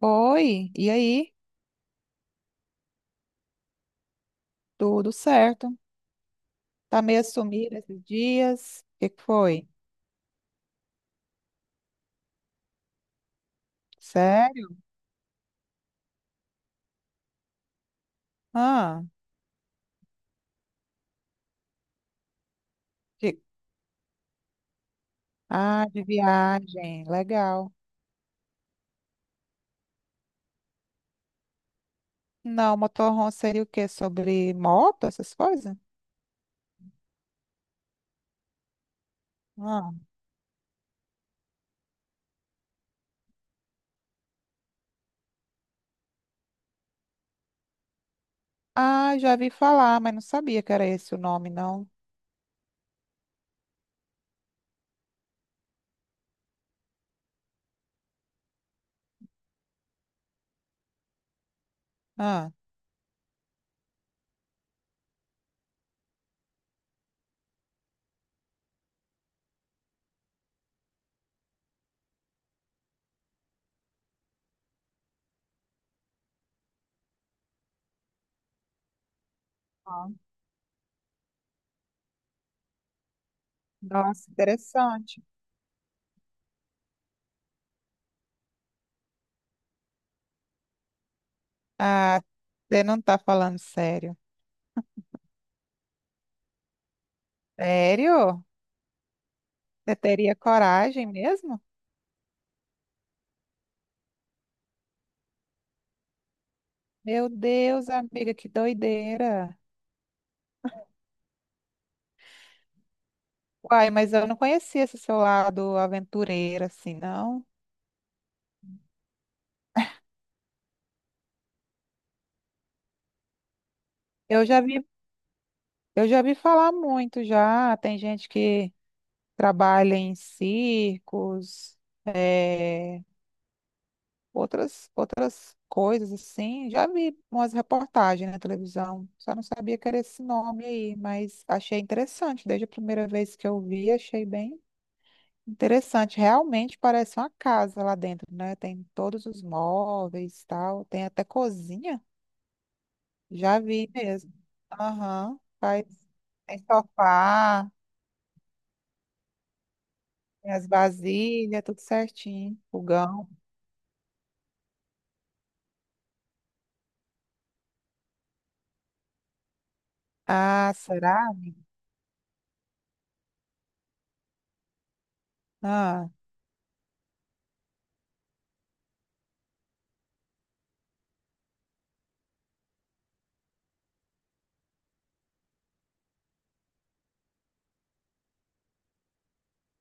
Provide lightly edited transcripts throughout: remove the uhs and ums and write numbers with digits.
Oi, e aí? Tudo certo? Tá meio sumida esses dias? O que que foi? Sério? Ah, de... ah, de viagem, legal. Não, motorhome seria o quê? Sobre moto, essas coisas? Ah. Ah, já vi falar, mas não sabia que era esse o nome, não. Ah. Ah. Nossa, interessante. Ah, você não tá falando sério. Sério? Você teria coragem mesmo? Meu Deus, amiga, que doideira. Uai, mas eu não conhecia esse seu lado aventureiro, assim, não. Eu já vi, eu já vi falar muito já. Tem gente que trabalha em circos, eh, outras coisas assim. Já vi umas reportagens na televisão. Só não sabia que era esse nome aí, mas achei interessante. Desde a primeira vez que eu vi, achei bem interessante. Realmente parece uma casa lá dentro, né? Tem todos os móveis e tal. Tem até cozinha. Já vi mesmo. Aham. Faz. Tem sofá, tem as vasilhas, tudo certinho. Fogão. Ah, será? Ah,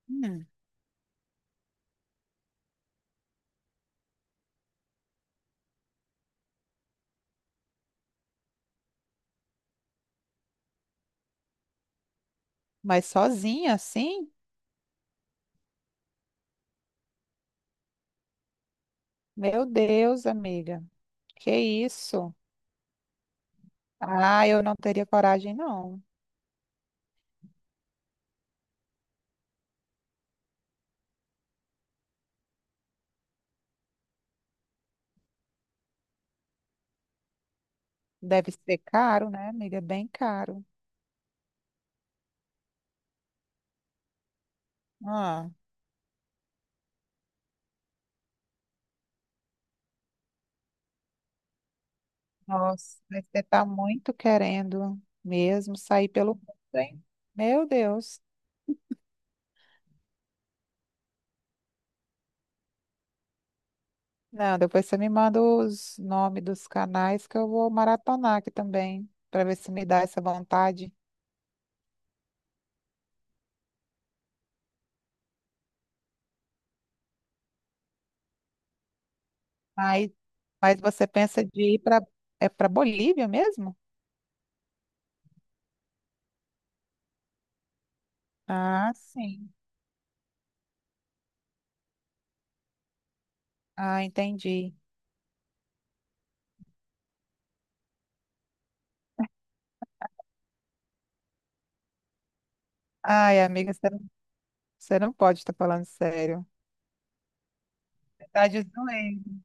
hum. Mas sozinha assim? Meu Deus, amiga. Que isso? Ah, eu não teria coragem, não. Deve ser caro, né, amiga? Bem caro. Ah, nossa, mas você tá muito querendo mesmo sair pelo mundo, hein? Meu Deus. Não, depois você me manda os nomes dos canais que eu vou maratonar aqui também, para ver se me dá essa vontade. Mas, mas você pensa de ir para é para Bolívia mesmo? Ah, sim. Ah, entendi. Ai, amiga, você não pode estar falando sério. Tá de doendo.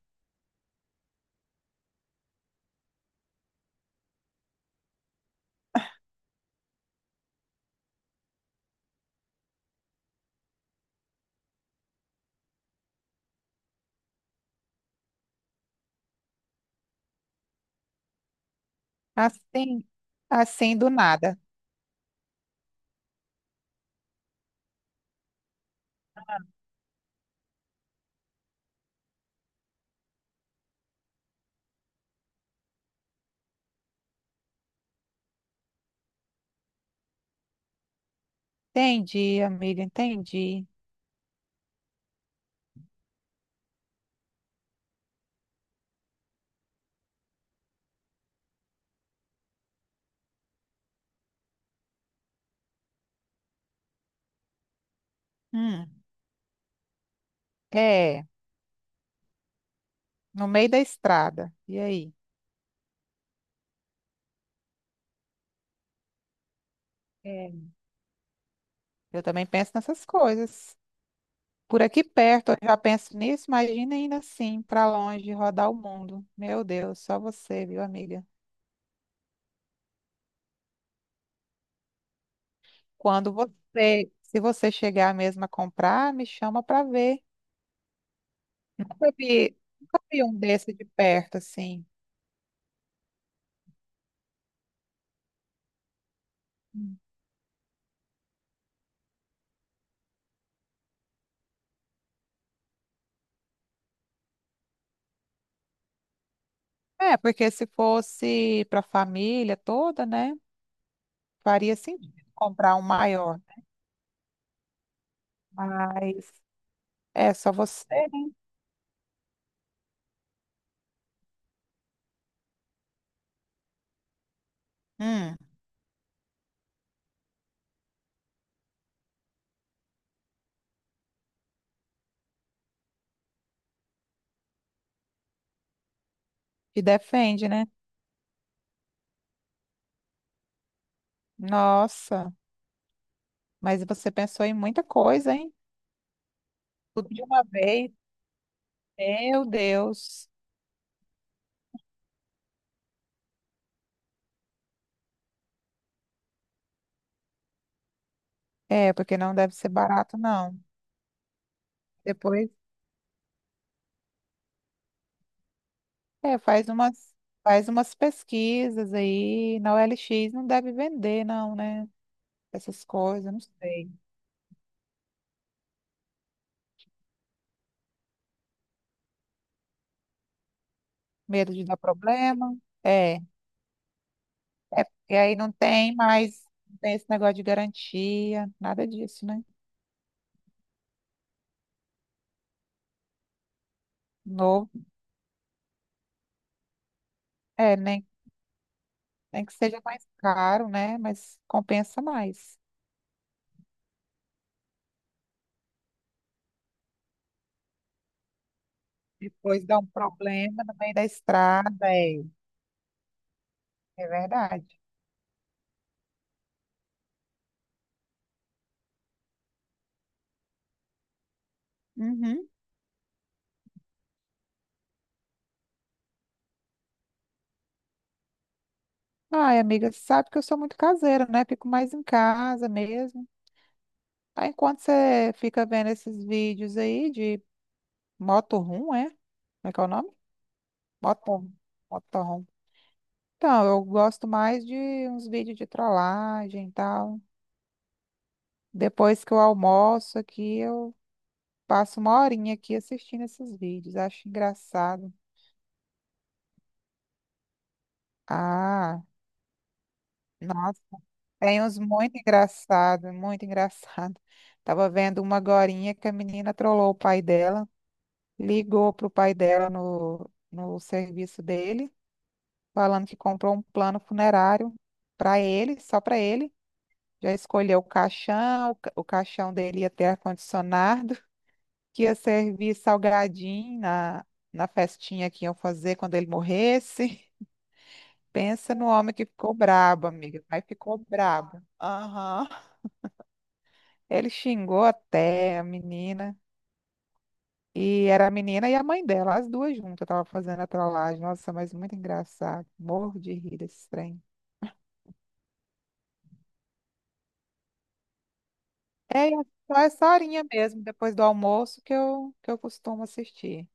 Assim, assim do nada. Entendi, amiga, entendi. Hum, é, no meio da estrada. E aí? É. Eu também penso nessas coisas. Por aqui perto, eu já penso nisso, imagina ainda assim, para longe, rodar o mundo. Meu Deus, só você, viu, amiga? Quando você, se você chegar mesmo a comprar, me chama para ver. Nunca vi um desse de perto, assim. Hum. É, porque se fosse para a família toda, né, faria sentido comprar um maior. Mas é só você, né? Hum, te defende, né? Nossa, mas você pensou em muita coisa, hein? Tudo de uma vez. Meu Deus. É, porque não deve ser barato, não. Depois, é, faz umas pesquisas aí. Na OLX não deve vender, não, né? Essas coisas, não sei. Medo de dar problema. É, é porque aí não tem mais, não tem esse negócio de garantia, nada disso, né? Novo, é, nem que seja mais caro, né? Mas compensa mais. Depois dá um problema no meio da estrada, é, é verdade. Uhum. Ai, amiga, sabe que eu sou muito caseira, né? Fico mais em casa mesmo. Aí, enquanto você fica vendo esses vídeos aí de motorhome, é? Como é que é o nome? Motorhome. Motorhome. Então, eu gosto mais de uns vídeos de trollagem e tal. Depois que eu almoço aqui, eu passo uma horinha aqui assistindo esses vídeos. Acho engraçado. Ah, nossa, tem uns muito engraçado, muito engraçado. Tava vendo uma agorinha que a menina trollou o pai dela. Ligou para o pai dela no serviço dele, falando que comprou um plano funerário para ele, só para ele. Já escolheu o caixão, o caixão dele ia ter ar-condicionado, que ia servir salgadinho na festinha que iam fazer quando ele morresse. Pensa no homem que ficou brabo, amiga. Mas ficou brabo. Aham. Ele xingou até a menina. E era a menina e a mãe dela, as duas juntas, tava fazendo a trollagem. Nossa, mas muito engraçado. Morro de rir desse trem. É é só essa horinha mesmo, depois do almoço, que eu costumo assistir.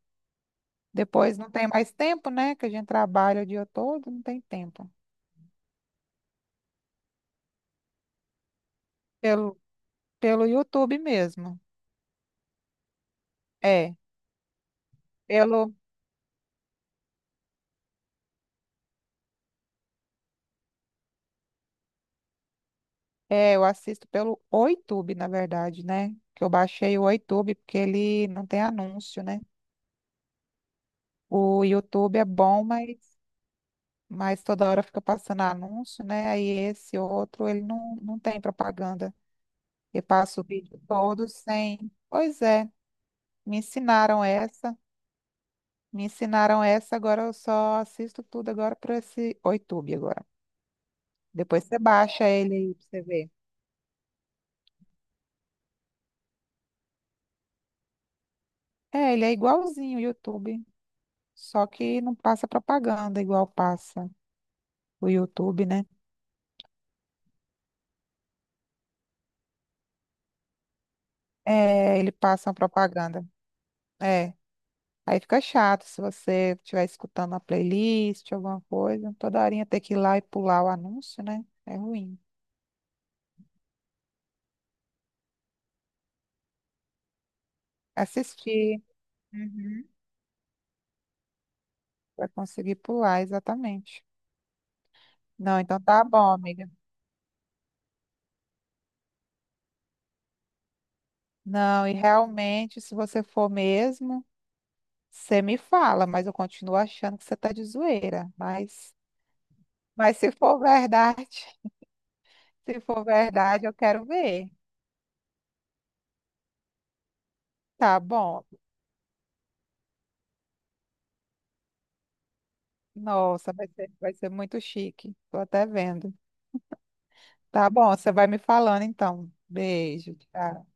Depois não tem mais tempo, né? Que a gente trabalha o dia todo, não tem tempo. Pelo, pelo YouTube mesmo. É, pelo, é, eu assisto pelo YouTube, na verdade, né? Que eu baixei o YouTube porque ele não tem anúncio, né? O YouTube é bom, mas toda hora fica passando anúncio, né? Aí esse outro, ele não, não tem propaganda. Eu passo o vídeo todo sem. Pois é, me ensinaram essa, me ensinaram essa, agora eu só assisto tudo agora por esse o YouTube agora. Depois você baixa ele aí pra você ver. É, ele é igualzinho o YouTube, só que não passa propaganda igual passa o YouTube, né? É, ele passa uma propaganda. É. Aí fica chato se você estiver escutando a playlist, alguma coisa, toda horinha ter que ir lá e pular o anúncio, né? É ruim. Assistir Uhum. Para conseguir pular, exatamente. Não, então tá bom, amiga. Não, e realmente, se você for mesmo, você me fala, mas eu continuo achando que você tá de zoeira. Mas se for verdade, se for verdade, eu quero ver. Tá bom. Nossa, vai ser muito chique. Tô até vendo. Tá bom, você vai me falando então. Beijo, tchau.